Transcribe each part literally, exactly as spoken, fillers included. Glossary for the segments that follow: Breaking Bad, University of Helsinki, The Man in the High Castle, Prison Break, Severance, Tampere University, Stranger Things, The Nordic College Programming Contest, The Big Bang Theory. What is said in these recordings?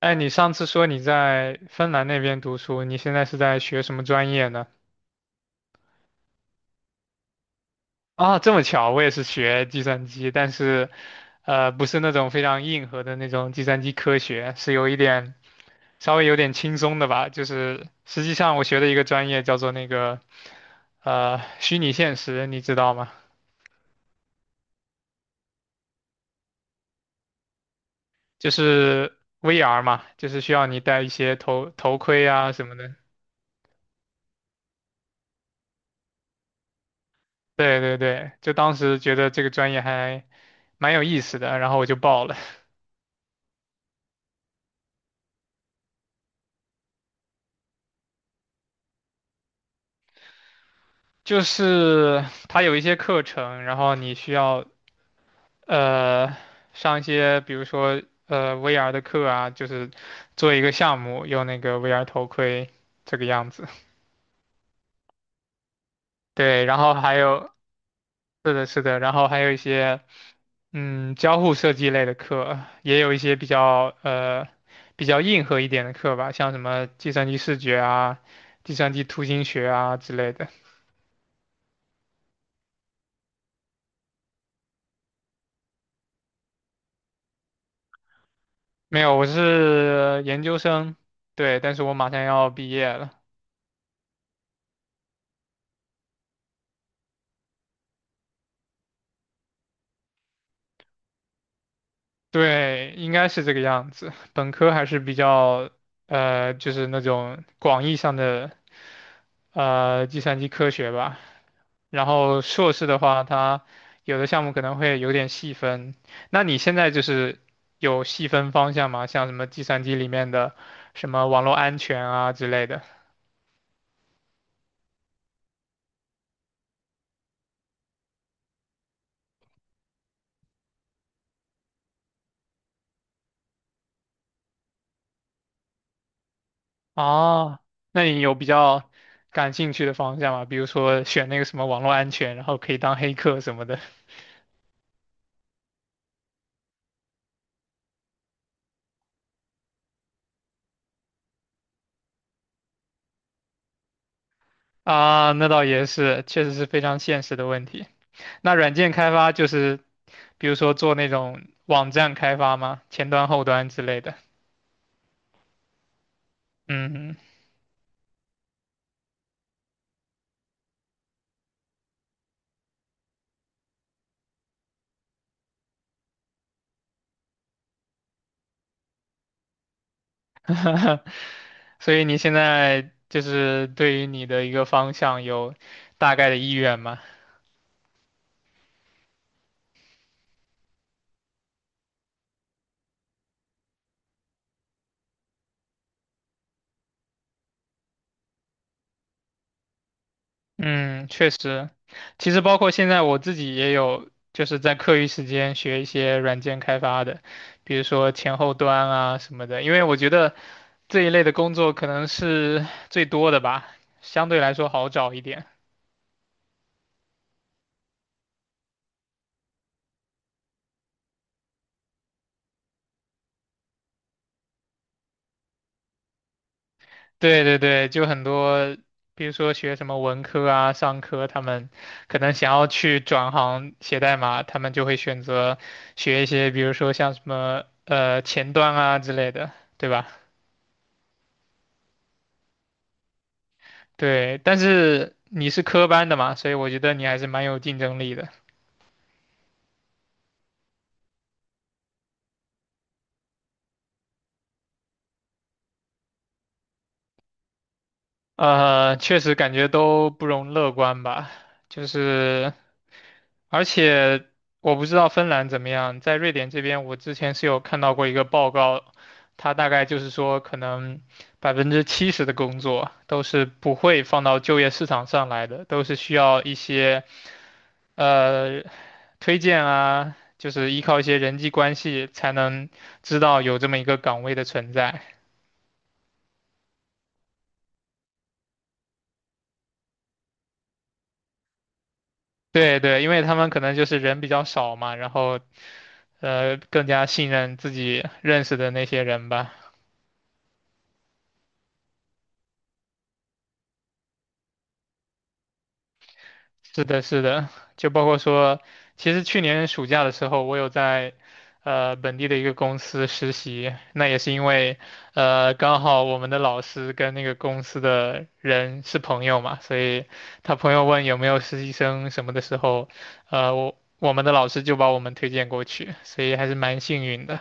哎，你上次说你在芬兰那边读书，你现在是在学什么专业呢？啊，这么巧，我也是学计算机，但是，呃，不是那种非常硬核的那种计算机科学，是有一点稍微有点轻松的吧。就是实际上我学的一个专业叫做那个，呃，虚拟现实，你知道吗？就是 V R 嘛，就是需要你戴一些头头盔啊什么的。对对对，就当时觉得这个专业还蛮有意思的，然后我就报了。就是它有一些课程，然后你需要呃上一些，比如说呃 V R 的课啊，就是做一个项目，用那个 V R 头盔这个样子。对，然后还有是的，是的，然后还有一些嗯交互设计类的课，也有一些比较呃比较硬核一点的课吧，像什么计算机视觉啊、计算机图形学啊之类的。没有，我是研究生，对，但是我马上要毕业了。对，应该是这个样子。本科还是比较，呃，就是那种广义上的，呃，计算机科学吧。然后硕士的话，它有的项目可能会有点细分。那你现在就是有细分方向吗？像什么计算机里面的什么网络安全啊之类的。哦，那你有比较感兴趣的方向吗？比如说选那个什么网络安全，然后可以当黑客什么的。啊，那倒也是，确实是非常现实的问题。那软件开发就是，比如说做那种网站开发吗？前端、后端之类的。嗯，所以你现在就是对于你的一个方向有大概的意愿吗？嗯，确实，其实包括现在我自己也有，就是在课余时间学一些软件开发的，比如说前后端啊什么的，因为我觉得这一类的工作可能是最多的吧，相对来说好找一点。对对对，就很多，比如说学什么文科啊、商科，他们可能想要去转行写代码，他们就会选择学一些，比如说像什么呃前端啊之类的，对吧？对，但是你是科班的嘛，所以我觉得你还是蛮有竞争力的。呃，确实感觉都不容乐观吧，就是。而且我不知道芬兰怎么样，在瑞典这边，我之前是有看到过一个报告，它大概就是说，可能百分之七十的工作都是不会放到就业市场上来的，都是需要一些呃推荐啊，就是依靠一些人际关系才能知道有这么一个岗位的存在。对对，因为他们可能就是人比较少嘛，然后呃更加信任自己认识的那些人吧。是的，是的，就包括说，其实去年暑假的时候，我有在呃本地的一个公司实习，那也是因为呃刚好我们的老师跟那个公司的人是朋友嘛，所以他朋友问有没有实习生什么的时候，呃我我们的老师就把我们推荐过去，所以还是蛮幸运的。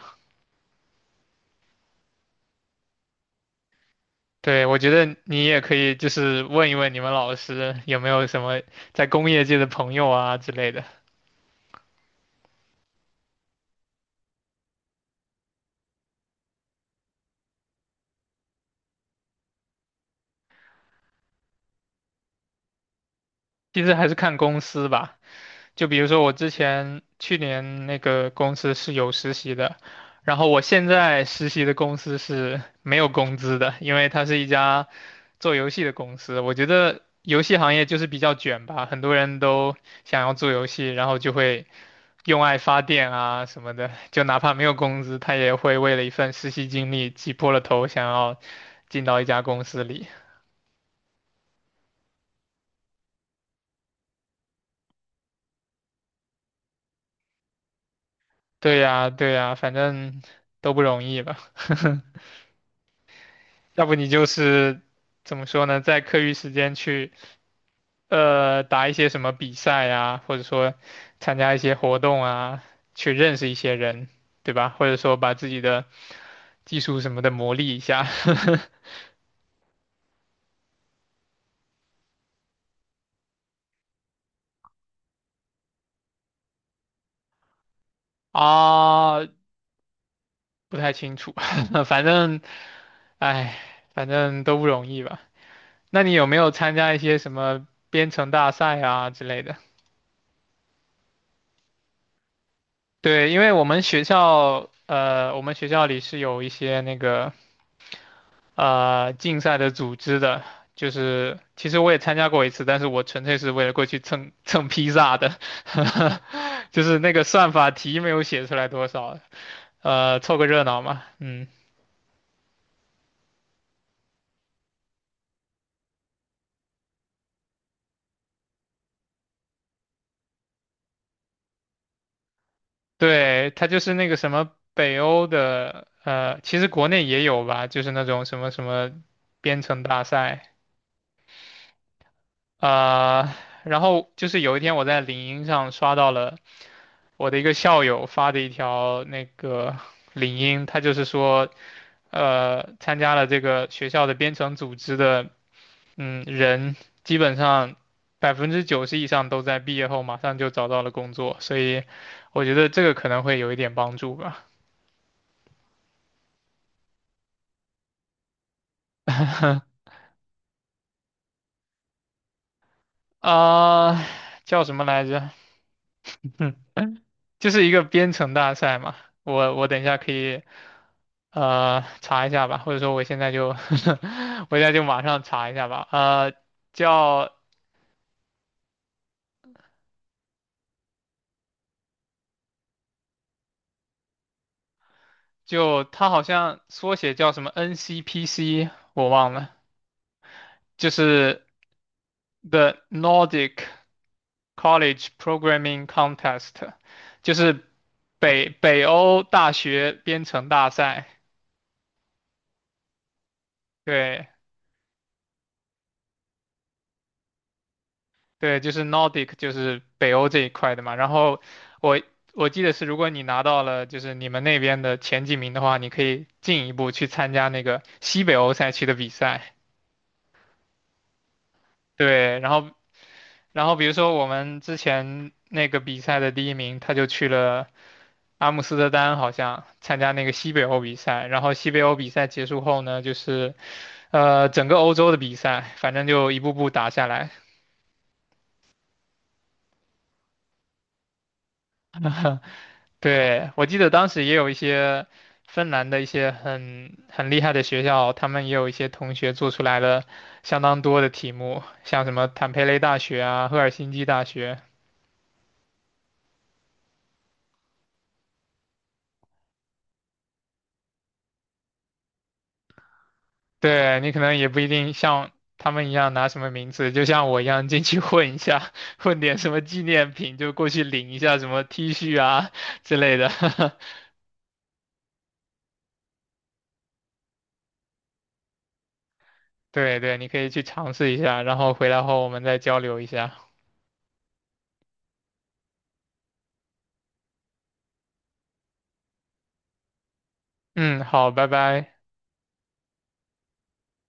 对，我觉得你也可以就是问一问你们老师有没有什么在工业界的朋友啊之类的，其实还是看公司吧。就比如说我之前去年那个公司是有实习的，然后我现在实习的公司是没有工资的，因为它是一家做游戏的公司。我觉得游戏行业就是比较卷吧，很多人都想要做游戏，然后就会用爱发电啊什么的，就哪怕没有工资，他也会为了一份实习经历挤破了头，想要进到一家公司里。对呀，对呀，反正都不容易吧。要不你就是怎么说呢，在课余时间去呃打一些什么比赛啊，或者说参加一些活动啊，去认识一些人，对吧？或者说把自己的技术什么的磨砺一下 啊，不太清楚，反正，哎，反正都不容易吧。那你有没有参加一些什么编程大赛啊之类的？对，因为我们学校，呃，我们学校里是有一些那个呃竞赛的组织的，就是其实我也参加过一次，但是我纯粹是为了过去蹭蹭披萨的，就是那个算法题没有写出来多少，呃，凑个热闹嘛，嗯，对，它就是那个什么北欧的，呃，其实国内也有吧，就是那种什么什么编程大赛。呃，然后就是有一天我在领英上刷到了我的一个校友发的一条那个领英，他就是说，呃，参加了这个学校的编程组织的，嗯，人基本上百分之九十以上都在毕业后马上就找到了工作，所以我觉得这个可能会有一点帮助吧。啊、叫什么来着？就是一个编程大赛嘛。我我等一下可以呃查一下吧，或者说我现在就 我现在就马上查一下吧。呃，叫就它好像缩写叫什么 N C P C，我忘了，就是 The Nordic College Programming Contest，就是北北欧大学编程大赛。对。对，就是 Nordic，就是北欧这一块的嘛。然后我我记得是，如果你拿到了就是你们那边的前几名的话，你可以进一步去参加那个西北欧赛区的比赛。对，然后然后比如说我们之前那个比赛的第一名，他就去了阿姆斯特丹，好像参加那个西北欧比赛。然后西北欧比赛结束后呢，就是呃整个欧洲的比赛，反正就一步步打下来，对，我记得当时也有一些芬兰的一些很很厉害的学校，他们也有一些同学做出来了相当多的题目，像什么坦佩雷大学啊、赫尔辛基大学。对，你可能也不一定像他们一样拿什么名字，就像我一样进去混一下，混点什么纪念品，就过去领一下什么 T 恤啊之类的。对对，你可以去尝试一下，然后回来后我们再交流一下。嗯，好，拜拜。